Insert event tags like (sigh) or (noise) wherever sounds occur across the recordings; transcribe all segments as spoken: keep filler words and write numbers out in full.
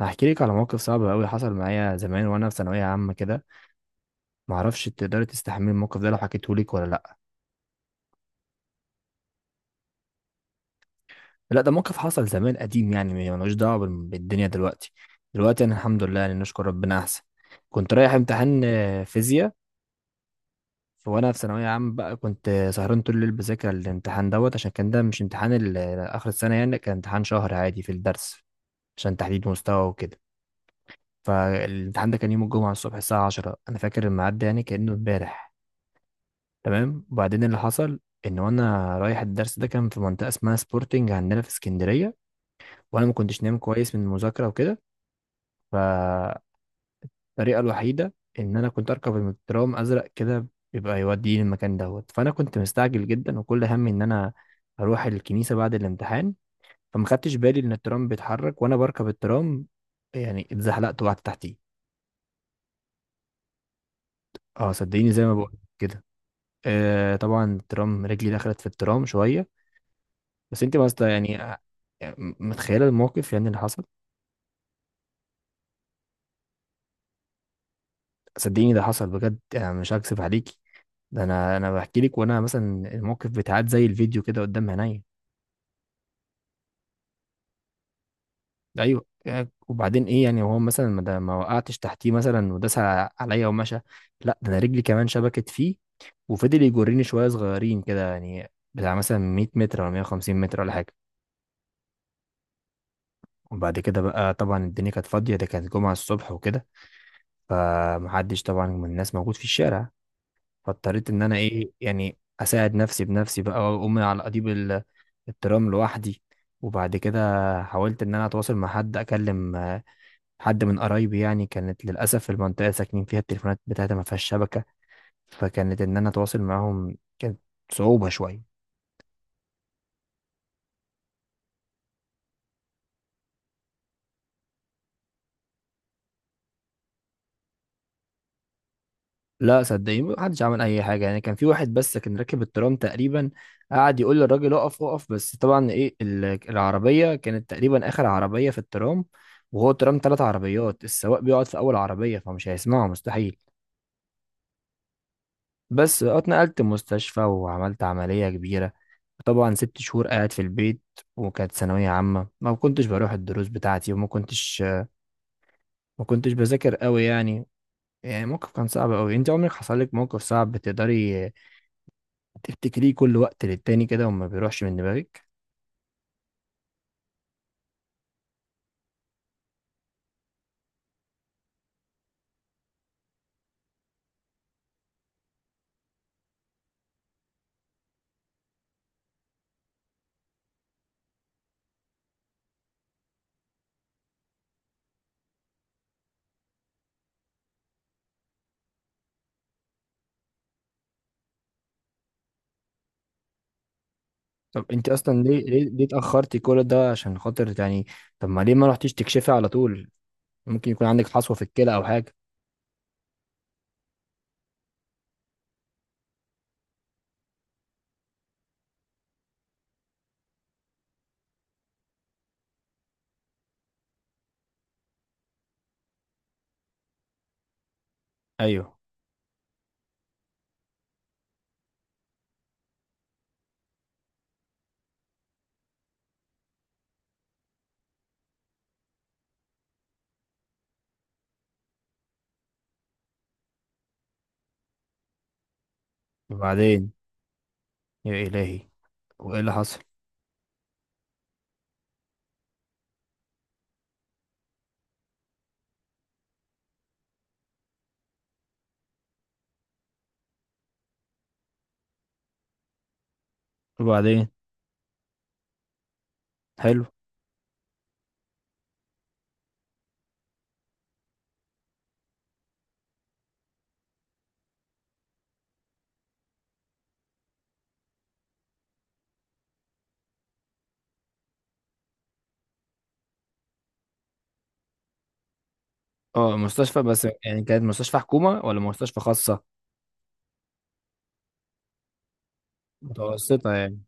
هحكي لك على موقف صعب قوي حصل معايا زمان وانا في ثانويه عامه كده. معرفش تقدري تستحملي الموقف ده لو حكيته لك ولا لا. لا ده موقف حصل زمان قديم، يعني ملوش دعوه بال- بالدنيا دلوقتي. دلوقتي انا الحمد لله، يعني نشكر ربنا احسن. كنت رايح امتحان آه، فيزياء. ف- وانا في ثانويه عامه بقى كنت آه، سهران طول الليل بذاكر الامتحان دوت، عشان كان ده مش امتحان ال- اخر السنه، يعني كان امتحان شهر عادي في الدرس عشان تحديد مستوى وكده. فالامتحان ده كان يوم الجمعه الصبح الساعه عشرة، انا فاكر الميعاد ده يعني كانه امبارح. تمام، وبعدين اللي حصل ان وانا رايح الدرس، ده كان في منطقه اسمها سبورتنج عندنا في اسكندريه. وانا ما كنتش نايم كويس من المذاكره وكده. فالطريقه الوحيده ان انا كنت اركب المترام ازرق كده، بيبقى يوديني المكان دوت. فانا كنت مستعجل جدا وكل همي ان انا اروح الكنيسه بعد الامتحان. فما خدتش بالي ان الترام بيتحرك وانا بركب الترام، يعني اتزحلقت وقعدت تحتيه. اه صدقيني زي ما بقول كده. آه طبعا الترام، رجلي دخلت في الترام شويه. بس انت مثلا يعني آه، يعني متخيله الموقف يعني اللي حصل. صدقيني ده حصل بجد، يعني مش هكذب عليكي. ده انا انا بحكي لك وانا مثلا الموقف بيتعاد زي الفيديو كده قدام عينيا. ايوه يعني. وبعدين ايه يعني، هو مثلا ما ده- ما وقعتش تحتيه مثلا وداس ع- عليا ومشى؟ لا ده انا رجلي كمان شبكت فيه وفضل يجرني شويه صغيرين كده، يعني بتاع مثلا ميت متر ولا ميه وخمسين متر ولا حاجه. وبعد كده بقى طبعا الدنيا كانت فاضيه، ده كانت جمعه الصبح وكده، فمحدش طبعا من الناس موجود في الشارع. فاضطريت ان انا ايه يعني اساعد نفسي بنفسي بقى واقوم على اديب ال- الترام لوحدي. وبعد كده حاولت ان انا اتواصل مع حد اكلم آه، حد من قرايبي. يعني كانت للاسف في المنطقه اللي ساكنين فيها التليفونات بتاعتها ما فيهاش شبكه، فكانت ان انا اتواصل معاهم كانت صعوبه شويه. لا صدقني ما حدش عمل اي حاجه. يعني كان في واحد بس كان راكب الترام تقريبا قعد يقول للراجل اقف اقف، بس طبعا ايه ال- العربيه كانت تقريبا اخر عربيه في الترام، وهو الترام ثلاث عربيات، السواق بيقعد في اول عربيه فمش هيسمعه مستحيل. بس اتنقلت مستشفى وعملت عمليه كبيره. طبعا ست شهور قاعد في البيت، وكانت ثانوية عامة، ما كنتش بروح الدروس بتاعتي وما كنتش ما كنتش بذاكر قوي يعني. يعني موقف كان صعب قوي. انت عمرك حصل لك موقف صعب تقدري تفتكريه كل وقت للتاني كده وما بيروحش من دماغك؟ طب انت اصلا ليه، ليه, ليه اتاخرتي كل ده عشان خاطر يعني؟ طب ما ليه ما رحتيش تكشفي على طول؟ ممكن يكون عندك حصوه في الكلى او حاجه. ايوه. وبعدين؟ يا الهي، وايه اللي حصل؟ وبعدين؟ حلو. اه مستشفى، بس يعني كانت مستشفى حكومه ولا مستشفى خاصه؟ متوسطه يعني؟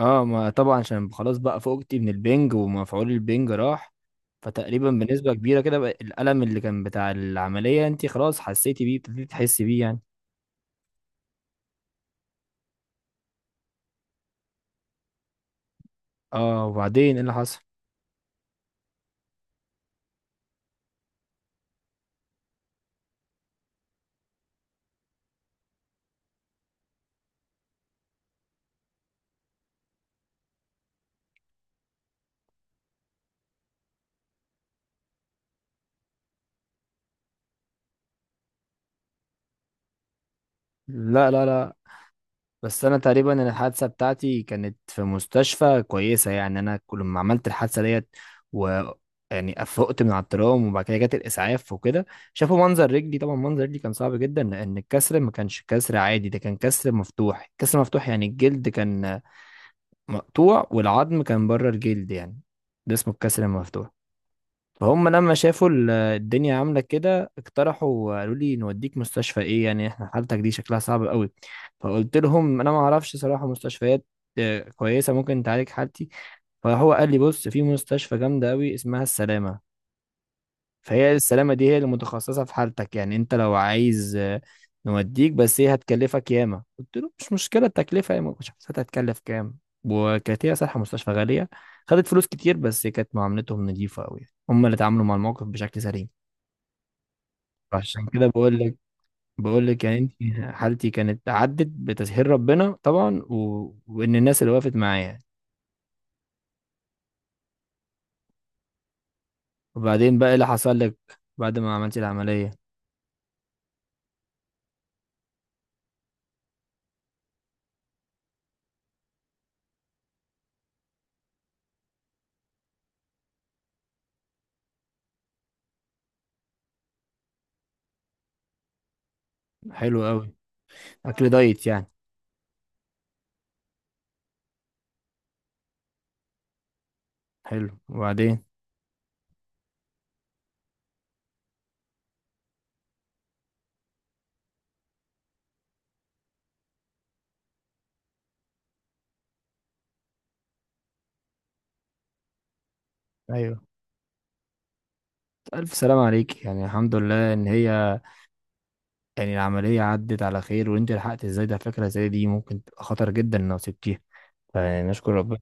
اه ما طبعا عشان خلاص بقى فوقتي من البنج ومفعول البنج راح، فتقريبا بنسبه كبيره كده بقى الالم اللي كان بتاع العمليه انت خلاص حسيتي بيه، ابتديتي تحسي بيه يعني. اه. وبعدين ايه اللي حصل؟ لا لا لا. بس انا تقريبا، أنا الحادثه بتاعتي كانت في مستشفى كويسه. يعني انا كل ما عملت الحادثه ديت و يعني افقت من على الترام، وبعد كده جت الاسعاف وكده، شافوا منظر رجلي. طبعا منظر رجلي كان صعب جدا، لان الكسر ما كانش كسر عادي، ده كان كسر مفتوح. كسر مفتوح يعني الجلد كان مقطوع والعظم كان بره الجلد يعني، ده اسمه الكسر المفتوح. فهم لما شافوا ال- الدنيا عامله كده اقترحوا قالوا لي نوديك مستشفى ايه، يعني احنا حالتك دي شكلها صعب قوي. فقلت لهم انا ما اعرفش صراحه مستشفيات آه، كويسه ممكن تعالج حالتي. فهو قال لي بص في مستشفى جامده قوي اسمها السلامه. فهي السلامة دي هي اللي متخصصة في حالتك، يعني انت لو عايز آه، نوديك، بس هي هتكلفك ياما. قلت له مش مشكلة التكلفة، هي ما كنتش حسيت هتكلف كام. وكانت هي صراحة مستشفى غالية، خدت فلوس كتير، بس كانت معاملتهم نظيفة قوي، هم اللي اتعاملوا مع الموقف بشكل سليم. فعشان كده بقول لك، بقول لك يعني انت حالتي كانت عدت بتسهيل ربنا طبعا، و... وان الناس اللي وقفت معايا. وبعدين بقى إيه اللي حصل لك بعد ما عملت العملية؟ حلو قوي. اكل دايت يعني. حلو. وبعدين؟ ايوه، ألف سلام عليك، يعني الحمد لله إن هي، يعني العملية عدت على خير. وأنت لحقت إزاي؟ ده فكرة زي دي ممكن تبقى خطر جدا لو سبتيها، فنشكر ربنا.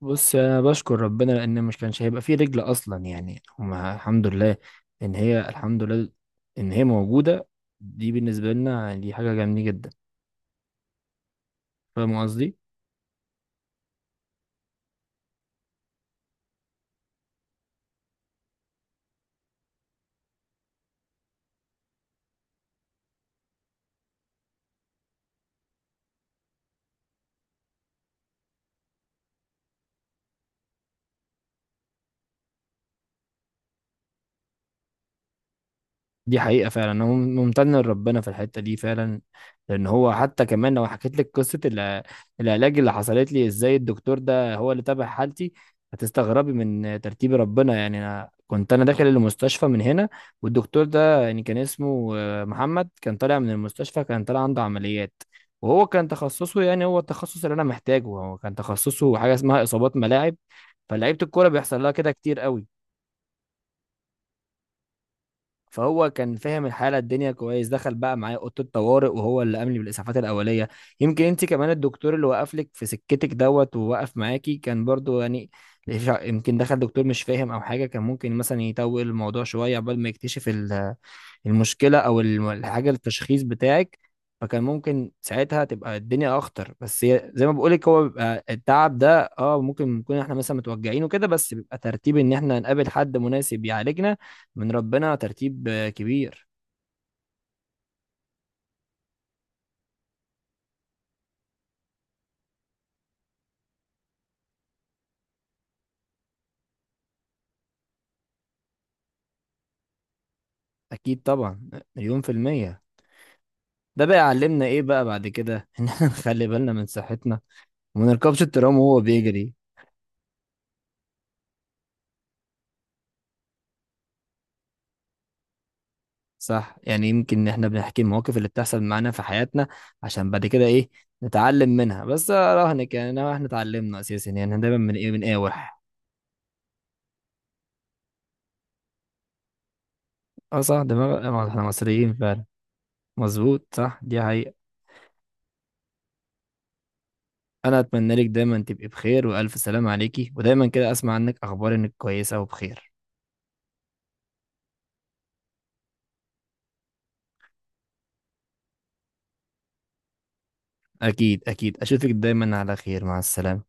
بص أنا بشكر ربنا لأن مش كانش هيبقى فيه رجل أصلا يعني، هما الحمد لله إن هي، الحمد لله إن هي موجودة. دي بالنسبة لنا دي حاجة جميلة جدا. فاهم قصدي؟ دي حقيقة فعلا أنا مم- ممتن لربنا في الحتة دي فعلا. لأن هو حتى كمان لو حكيت لك قصة الع- العلاج اللي حصلت لي إزاي، الدكتور ده هو اللي تابع حالتي. هتستغربي من ترتيب ربنا. يعني أنا كنت أنا داخل المستشفى من هنا، والدكتور ده يعني كان اسمه آه، محمد كان طالع من المستشفى، كان طالع عنده عمليات. وهو كان تخصصه، يعني هو التخصص اللي أنا محتاجه، هو كان تخصصه حاجة اسمها إصابات ملاعب. فلعيبة الكورة بيحصل لها كده كتير قوي. فهو كان فاهم الحاله الدنيا كويس، دخل بقى معايا اوضه الطوارئ وهو اللي قام لي بالاسعافات الاوليه. يمكن انت كمان الدكتور اللي وقف لك في سكتك دوت ووقف معاكي كان برضو يعني، يمكن دخل دكتور مش فاهم او حاجه كان ممكن مثلا يطول الموضوع شويه عقبال ما يكتشف ال المشكلة أو الم- الحاجة التشخيص بتاعك. فكان ممكن ساعتها تبقى الدنيا أخطر. بس هي زي ما بقولك، هو بيبقى التعب ده اه ممكن نكون احنا مثلا متوجعين وكده، بس بيبقى ترتيب إن احنا نقابل حد مناسب يعالجنا من ربنا ترتيب آه، كبير. أكيد طبعا، مليون في المية. ده بقى علمنا ايه بقى بعد كده (laughs) ان احنا نخلي بالنا من صحتنا وما نركبش الترام وهو بيجري. صح، يعني يمكن احنا بنحكي المواقف اللي بتحصل معانا في حياتنا عشان بعد كده ايه نتعلم منها. بس اراهنك يعني إن احنا اتعلمنا اساسا، يعني احنا دايما من ايه من اقاوح. اه صح دماغ آه، احنا مصريين فعلا. مظبوط صح دي حقيقة. انا اتمنى لك دايما تبقي بخير والف سلامة عليكي، ودايما كده اسمع عنك اخبار انك كويسة وبخير. اكيد اكيد اشوفك دايما على خير. مع السلامة.